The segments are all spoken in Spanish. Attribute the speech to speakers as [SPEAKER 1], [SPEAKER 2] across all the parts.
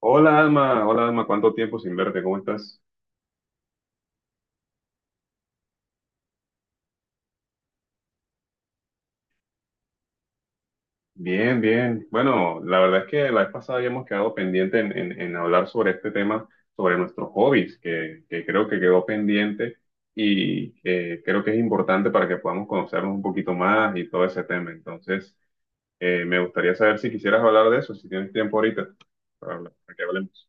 [SPEAKER 1] Hola Alma, ¿cuánto tiempo sin verte? ¿Cómo estás? Bien, bien. Bueno, la verdad es que la vez pasada habíamos quedado pendiente en hablar sobre este tema, sobre nuestros hobbies, que creo que quedó pendiente y que creo que es importante para que podamos conocernos un poquito más y todo ese tema. Entonces, me gustaría saber si quisieras hablar de eso, si tienes tiempo ahorita para, para que hablemos.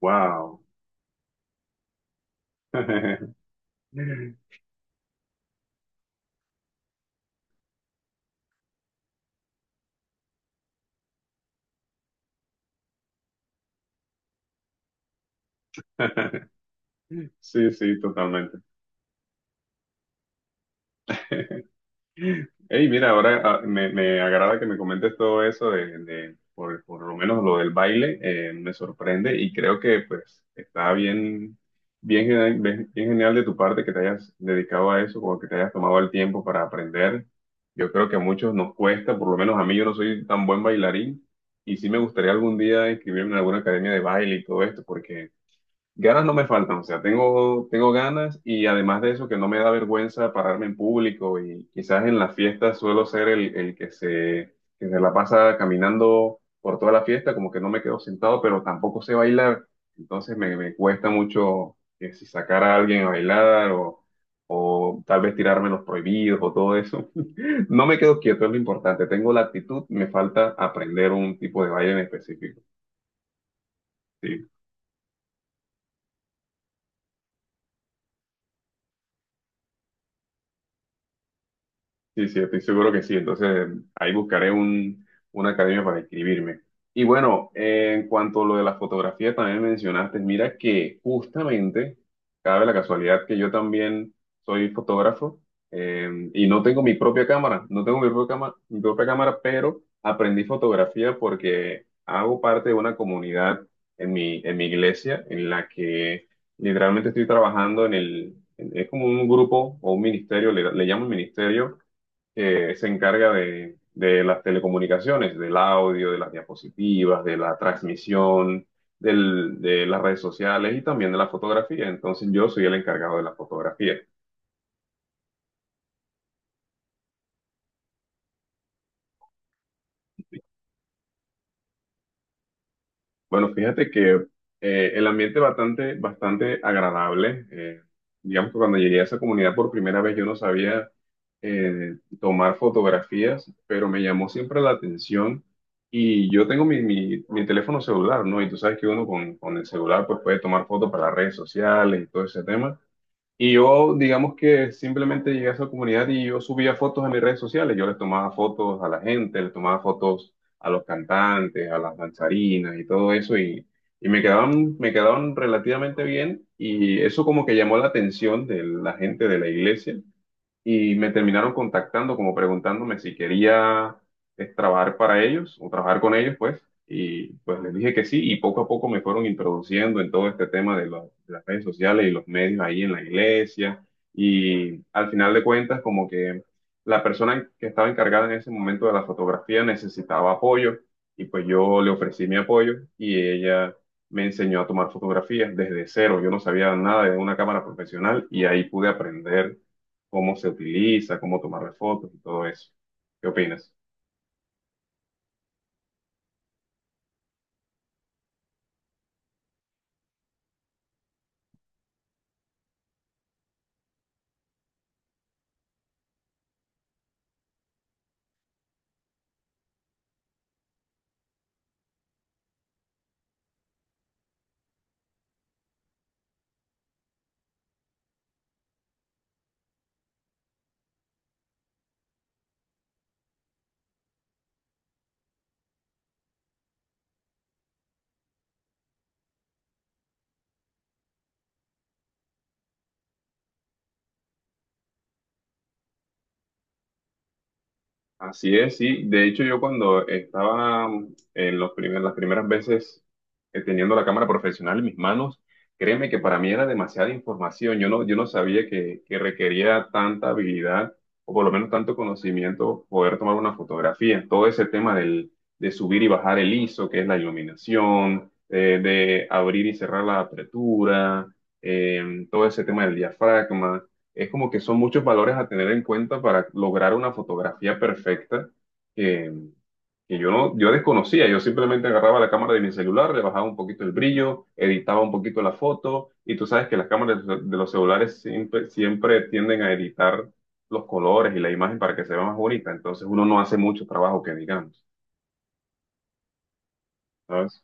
[SPEAKER 1] Wow. Sí, sí, totalmente. Hey, mira, ahora me agrada que me comentes todo eso por lo menos lo del baile, me sorprende y creo que pues está bien, bien genial de tu parte que te hayas dedicado a eso, como que te hayas tomado el tiempo para aprender. Yo creo que a muchos nos cuesta, por lo menos a mí, yo no soy tan buen bailarín y sí me gustaría algún día inscribirme en alguna academia de baile y todo esto, porque ganas no me faltan. O sea, tengo ganas y además de eso que no me da vergüenza pararme en público, y quizás en las fiestas suelo ser el que se la pasa caminando por toda la fiesta, como que no me quedo sentado, pero tampoco sé bailar, entonces me cuesta mucho que si sacar a alguien a bailar o tal vez tirarme los prohibidos o todo eso. No me quedo quieto, es lo importante, tengo la actitud, me falta aprender un tipo de baile en específico. Sí. Sí, sí, estoy seguro que sí. Entonces, ahí buscaré un, una academia para inscribirme. Y bueno, en cuanto a lo de la fotografía, también mencionaste, mira que justamente cabe la casualidad que yo también soy fotógrafo, y no tengo mi propia cámara, no tengo mi propia cámara, pero aprendí fotografía porque hago parte de una comunidad en mi iglesia en la que literalmente estoy trabajando en es como un grupo o un ministerio, le llamo ministerio que se encarga de las telecomunicaciones, del audio, de las diapositivas, de la transmisión, de las redes sociales y también de la fotografía. Entonces yo soy el encargado de la fotografía. Bueno, fíjate que el ambiente bastante, bastante agradable. Digamos que cuando llegué a esa comunidad por primera vez yo no sabía tomar fotografías, pero me llamó siempre la atención y yo tengo mi teléfono celular, ¿no? Y tú sabes que uno con el celular pues puede tomar fotos para las redes sociales y todo ese tema. Y yo, digamos que simplemente llegué a esa comunidad y yo subía fotos a mis redes sociales. Yo les tomaba fotos a la gente, les tomaba fotos a los cantantes, a las danzarinas y todo eso. Y me quedaban relativamente bien. Y eso como que llamó la atención de la gente de la iglesia y me terminaron contactando como preguntándome si quería trabajar para ellos o trabajar con ellos, pues, y pues les dije que sí y poco a poco me fueron introduciendo en todo este tema de las redes sociales y los medios ahí en la iglesia y al final de cuentas como que la persona que estaba encargada en ese momento de la fotografía necesitaba apoyo y pues yo le ofrecí mi apoyo y ella... Me enseñó a tomar fotografías desde cero. Yo no sabía nada de una cámara profesional y ahí pude aprender cómo se utiliza, cómo tomarle fotos y todo eso. ¿Qué opinas? Así es, sí. De hecho, yo cuando estaba en los las primeras veces teniendo la cámara profesional en mis manos, créeme que para mí era demasiada información. Yo no sabía que requería tanta habilidad o por lo menos tanto conocimiento poder tomar una fotografía. Todo ese tema de subir y bajar el ISO, que es la iluminación, de abrir y cerrar la apertura, todo ese tema del diafragma. Es como que son muchos valores a tener en cuenta para lograr una fotografía perfecta que, que yo no, yo desconocía. Yo simplemente agarraba la cámara de mi celular, le bajaba un poquito el brillo, editaba un poquito la foto, y tú sabes que las cámaras de los celulares siempre, siempre tienden a editar los colores y la imagen para que se vea más bonita. Entonces uno no hace mucho trabajo que digamos, ¿sabes?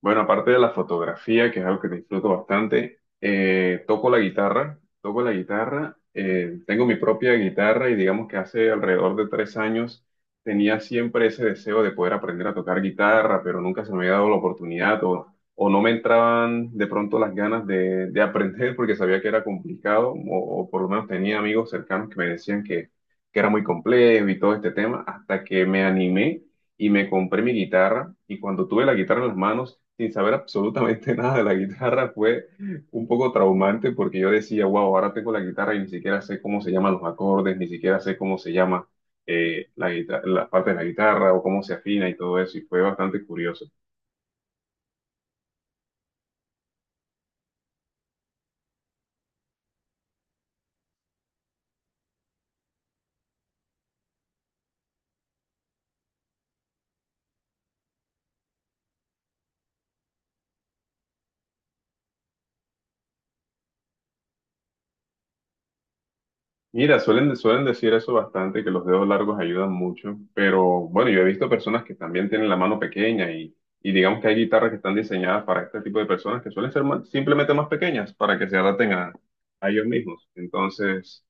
[SPEAKER 1] Bueno, aparte de la fotografía, que es algo que disfruto bastante, toco la guitarra, tengo mi propia guitarra y digamos que hace alrededor de 3 años tenía siempre ese deseo de poder aprender a tocar guitarra, pero nunca se me había dado la oportunidad o no me entraban de pronto las ganas de aprender porque sabía que era complicado o por lo menos tenía amigos cercanos que me decían que era muy complejo y todo este tema, hasta que me animé y me compré mi guitarra. Y cuando tuve la guitarra en las manos, sin saber absolutamente nada de la guitarra, fue un poco traumante porque yo decía, wow, ahora tengo la guitarra y ni siquiera sé cómo se llaman los acordes, ni siquiera sé cómo se llama la parte de la guitarra o cómo se afina y todo eso, y fue bastante curioso. Mira, suelen, suelen decir eso bastante, que los dedos largos ayudan mucho, pero bueno, yo he visto personas que también tienen la mano pequeña y digamos que hay guitarras que están diseñadas para este tipo de personas que suelen ser simplemente más pequeñas para que se adapten a ellos mismos. Entonces,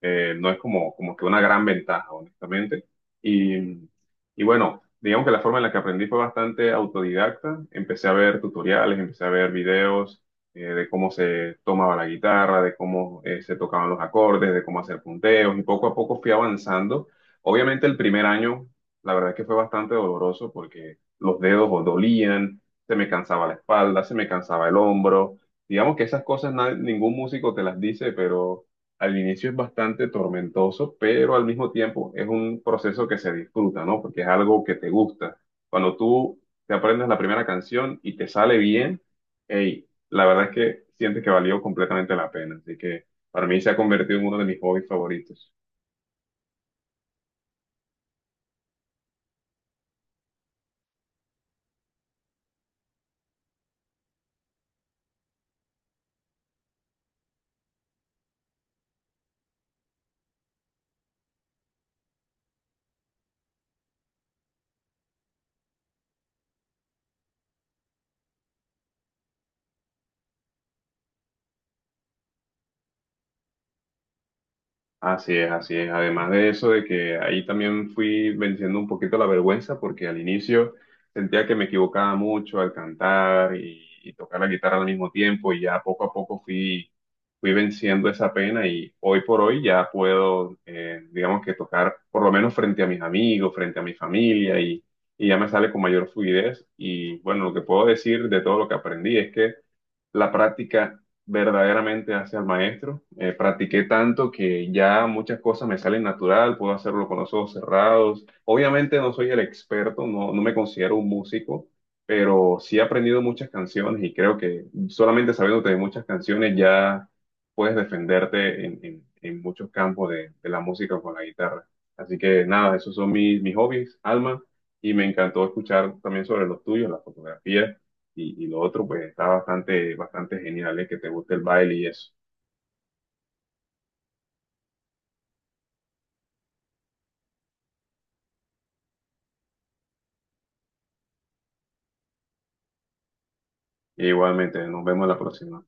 [SPEAKER 1] no es como, como que una gran ventaja, honestamente. Y, y bueno, digamos que la forma en la que aprendí fue bastante autodidacta. Empecé a ver tutoriales, empecé a ver videos, de cómo se tomaba la guitarra, de cómo se tocaban los acordes, de cómo hacer punteos y poco a poco fui avanzando. Obviamente el primer año, la verdad es que fue bastante doloroso porque los dedos o dolían, se me cansaba la espalda, se me cansaba el hombro. Digamos que esas cosas ningún músico te las dice, pero al inicio es bastante tormentoso, pero al mismo tiempo es un proceso que se disfruta, ¿no? Porque es algo que te gusta. Cuando tú te aprendes la primera canción y te sale bien, hey, la verdad es que siento que valió completamente la pena, así que para mí se ha convertido en uno de mis hobbies favoritos. Así es, así es. Además de eso, de que ahí también fui venciendo un poquito la vergüenza, porque al inicio sentía que me equivocaba mucho al cantar y tocar la guitarra al mismo tiempo, y ya poco a poco fui venciendo esa pena y hoy por hoy ya puedo, digamos que tocar por lo menos frente a mis amigos, frente a mi familia, y ya me sale con mayor fluidez. Y bueno, lo que puedo decir de todo lo que aprendí es que la práctica verdaderamente hacia el maestro. Practiqué tanto que ya muchas cosas me salen natural, puedo hacerlo con los ojos cerrados. Obviamente no soy el experto, no, no me considero un músico, pero sí he aprendido muchas canciones y creo que solamente sabiéndote de muchas canciones ya puedes defenderte en muchos campos de la música con la guitarra. Así que nada, esos son mis, mis hobbies, Alma, y me encantó escuchar también sobre los tuyos, la fotografía. Y lo otro, pues está bastante, bastante genial, ¿eh? Que te guste el baile y eso. Y igualmente, nos vemos la próxima.